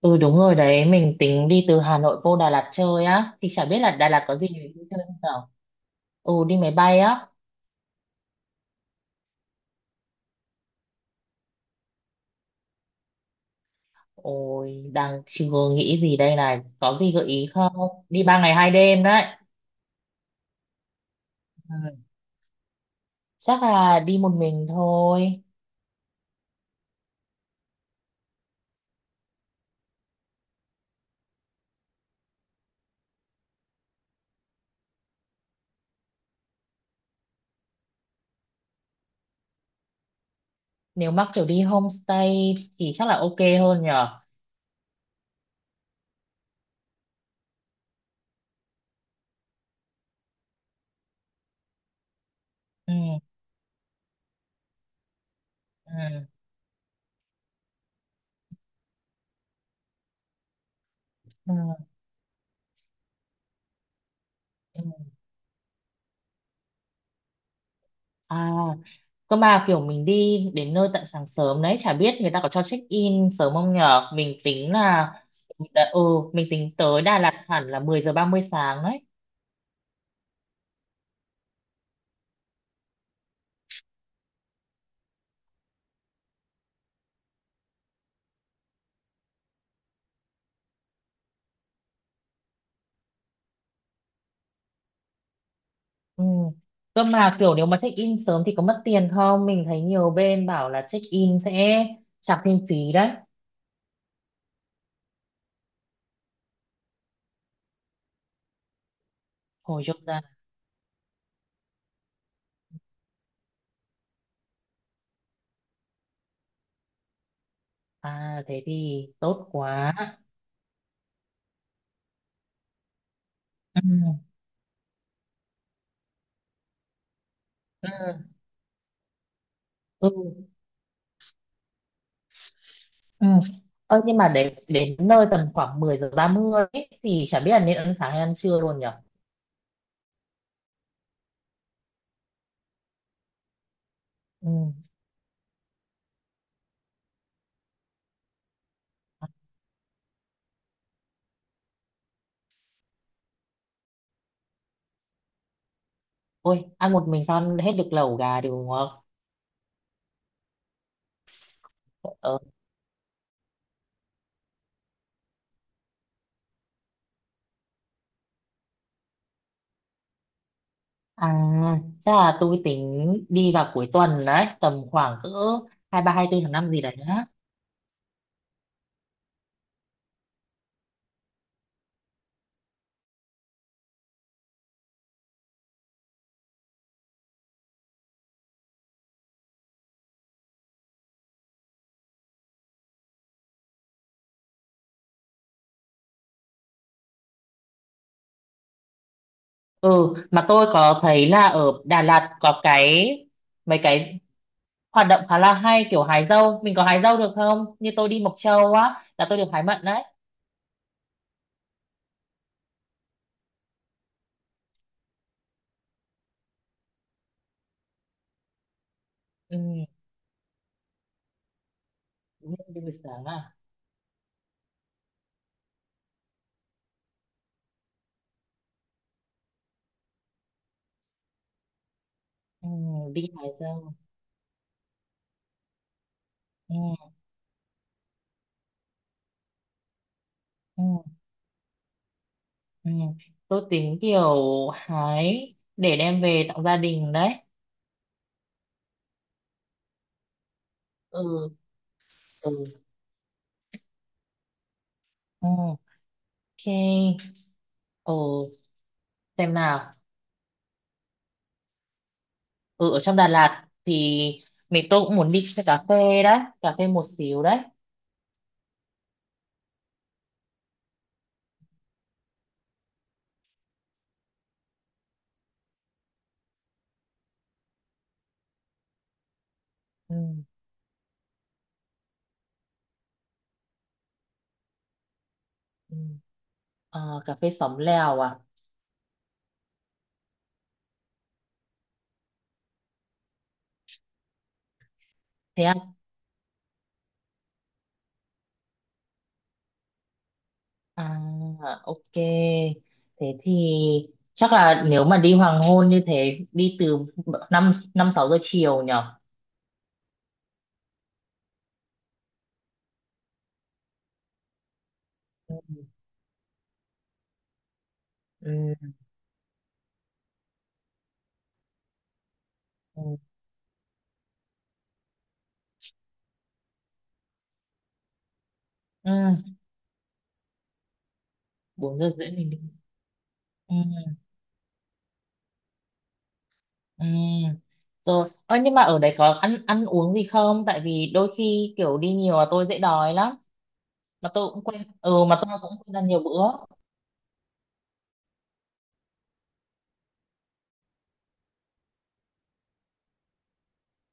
Ừ đúng rồi đấy, mình tính đi từ Hà Nội vô Đà Lạt chơi á, thì chả biết là Đà Lạt có gì để vui chơi không nào. Ừ đi máy bay á, ôi đang chưa nghĩ gì đây này, có gì gợi ý không? Đi ba ngày hai đêm đấy. Ừ. Chắc là đi một mình thôi, nếu mắc kiểu đi homestay thì chắc là ok hơn nhở. Ừ, ừ, ừ, ừ. À, cơ mà kiểu mình đi đến nơi tận sáng sớm đấy, chả biết người ta có cho check in sớm không nhở? Mình tính là, ừ, mình tính tới Đà Lạt hẳn là 10 giờ 30 sáng đấy. Ừ. Cơ mà kiểu nếu mà check in sớm thì có mất tiền không? Mình thấy nhiều bên bảo là check in sẽ trả thêm phí đấy. Hồi chốt ra, à thế thì tốt quá. Ừ. Ừ. Ừ. Ừ. Ơ nhưng mà đến đến nơi tầm khoảng 10 giờ 30 ấy, thì chả biết là nên ăn sáng hay ăn trưa luôn nhở? Ừ. Ôi, ăn một mình sao ăn hết được lẩu gà được đúng không? Ờ, à, chắc là tôi tính đi vào cuối tuần đấy, tầm khoảng cỡ hai ba hai tư tháng 5 gì đấy á. Ừ, mà tôi có thấy là ở Đà Lạt có cái mấy cái hoạt động khá là hay kiểu hái dâu. Mình có hái dâu được không? Như tôi đi Mộc Châu á, là tôi được hái mận đấy. Ừ, đúng rồi, đi buổi sáng à? Ừ, đi hái dâu. Ừ, ừ, ừ. Tôi tính kiểu hái để đem về tặng gia đình đấy. Ừ, ừ, ok, ờ, xem nào. Ừ, ở trong Đà Lạt thì mình tôi cũng muốn đi xe cà phê đấy, cà phê một xíu đấy. Ừ, ừ. À, cà phê xóm lèo à, thế à, à ok, thế thì chắc là nếu mà đi hoàng hôn như thế đi từ năm năm sáu giờ chiều nhở. Ừ, ừ, ừ. Ừ. Bốn giờ rưỡi mình đi. Ừ. Ừ. Rồi, ơ nhưng mà ở đấy có ăn ăn uống gì không? Tại vì đôi khi kiểu đi nhiều là tôi dễ đói lắm. Mà tôi cũng quên, ừ mà tôi cũng quên ăn nhiều bữa.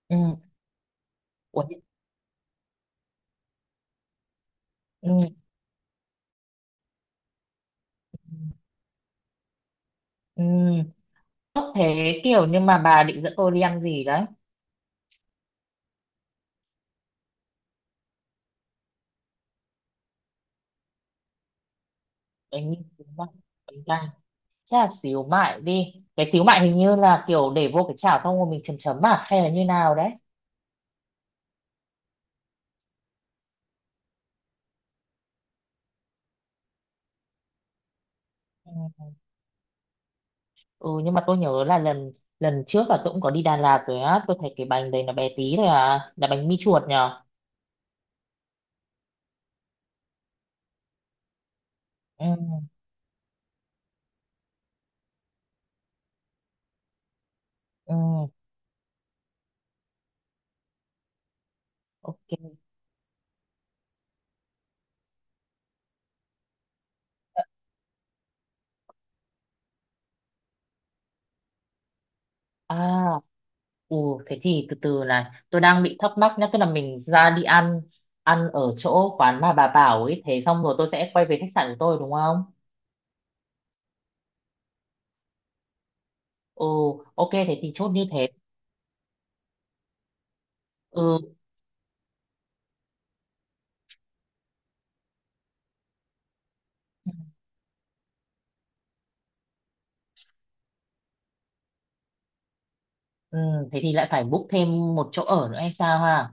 Ừ. Ủa, ừ. Ừ. Tốt thế kiểu nhưng mà bà định dẫn tôi đi ăn gì đấy? Bánh mì xíu mại, bánh canh. Chắc là xíu mại đi. Cái xíu mại hình như là kiểu để vô cái chảo xong rồi mình chấm chấm à? Hay là như nào đấy? Ừ. Ừ nhưng mà tôi nhớ là lần lần trước là tôi cũng có đi Đà Lạt rồi á. Tôi thấy cái bánh đấy nó bé tí thôi à. Là bánh mì chuột nhỉ? Ừ, ừ, ok, à, ừ, thế thì từ từ này tôi đang bị thắc mắc nhá, tức là mình ra đi ăn ăn ở chỗ quán mà bà bảo ấy, thế xong rồi tôi sẽ quay về khách sạn của tôi đúng không. Ừ, ok, thế thì chốt như thế. Ừ, ừ, thế thì lại phải book thêm một chỗ ở nữa hay sao ha.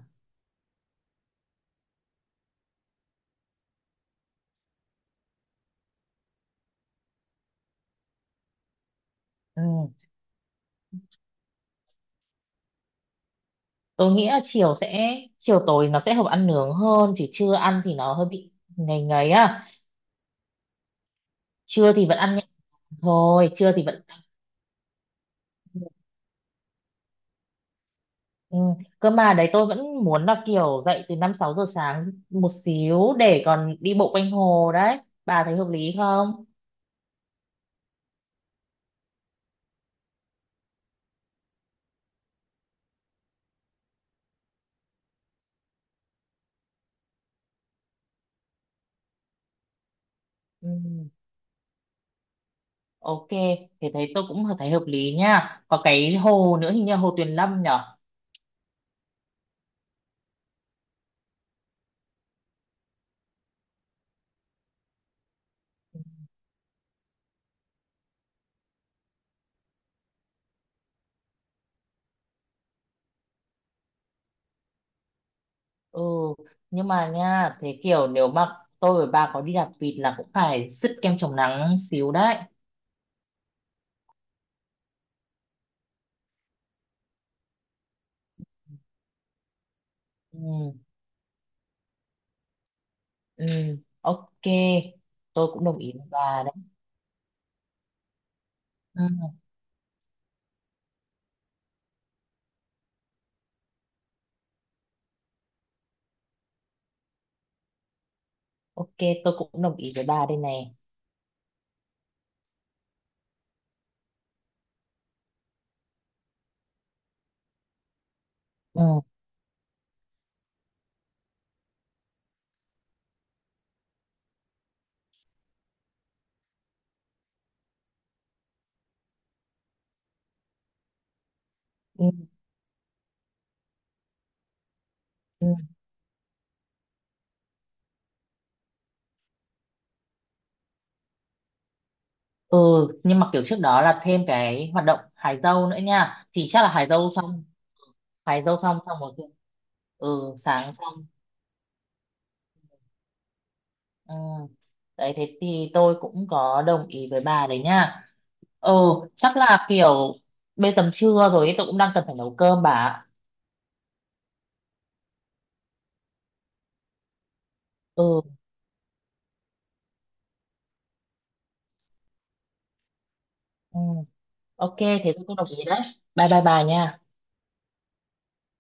Ừ, tôi nghĩ là chiều sẽ chiều tối nó sẽ hợp ăn nướng hơn, chỉ trưa ăn thì nó hơi bị ngày ngày á, trưa thì vẫn ăn nhẹ thôi, trưa thì vẫn. Ừ. Cơ mà đấy tôi vẫn muốn là kiểu dậy từ 5 6 giờ sáng một xíu để còn đi bộ quanh hồ đấy. Bà thấy hợp lý không? Ừ. Ok, thế thấy tôi cũng thấy hợp lý nha. Có cái hồ nữa hình như là hồ Tuyền Lâm nhở? Ừ, nhưng mà nha, thế kiểu nếu mà tôi và bà có đi đạp vịt là cũng phải sứt kem chống nắng xíu đấy. Ừ. Ừ. Ok, tôi cũng đồng ý với bà đấy. Ừ. Ok, tôi cũng đồng ý với bà đây này. Ừ. Ừ. Ừ. Ừ nhưng mà kiểu trước đó là thêm cái hoạt động hái dâu nữa nha, thì chắc là hái dâu xong xong rồi cũng- ừ sáng xong. Ừ. Đấy thế thì tôi cũng có đồng ý với bà đấy nha. Ừ, chắc là kiểu bây tầm trưa rồi ấy, tôi cũng đang cần phải nấu cơm bà ạ. Ừ, ừ, ok, thế tôi cũng đồng ý đấy, bye bye bà nha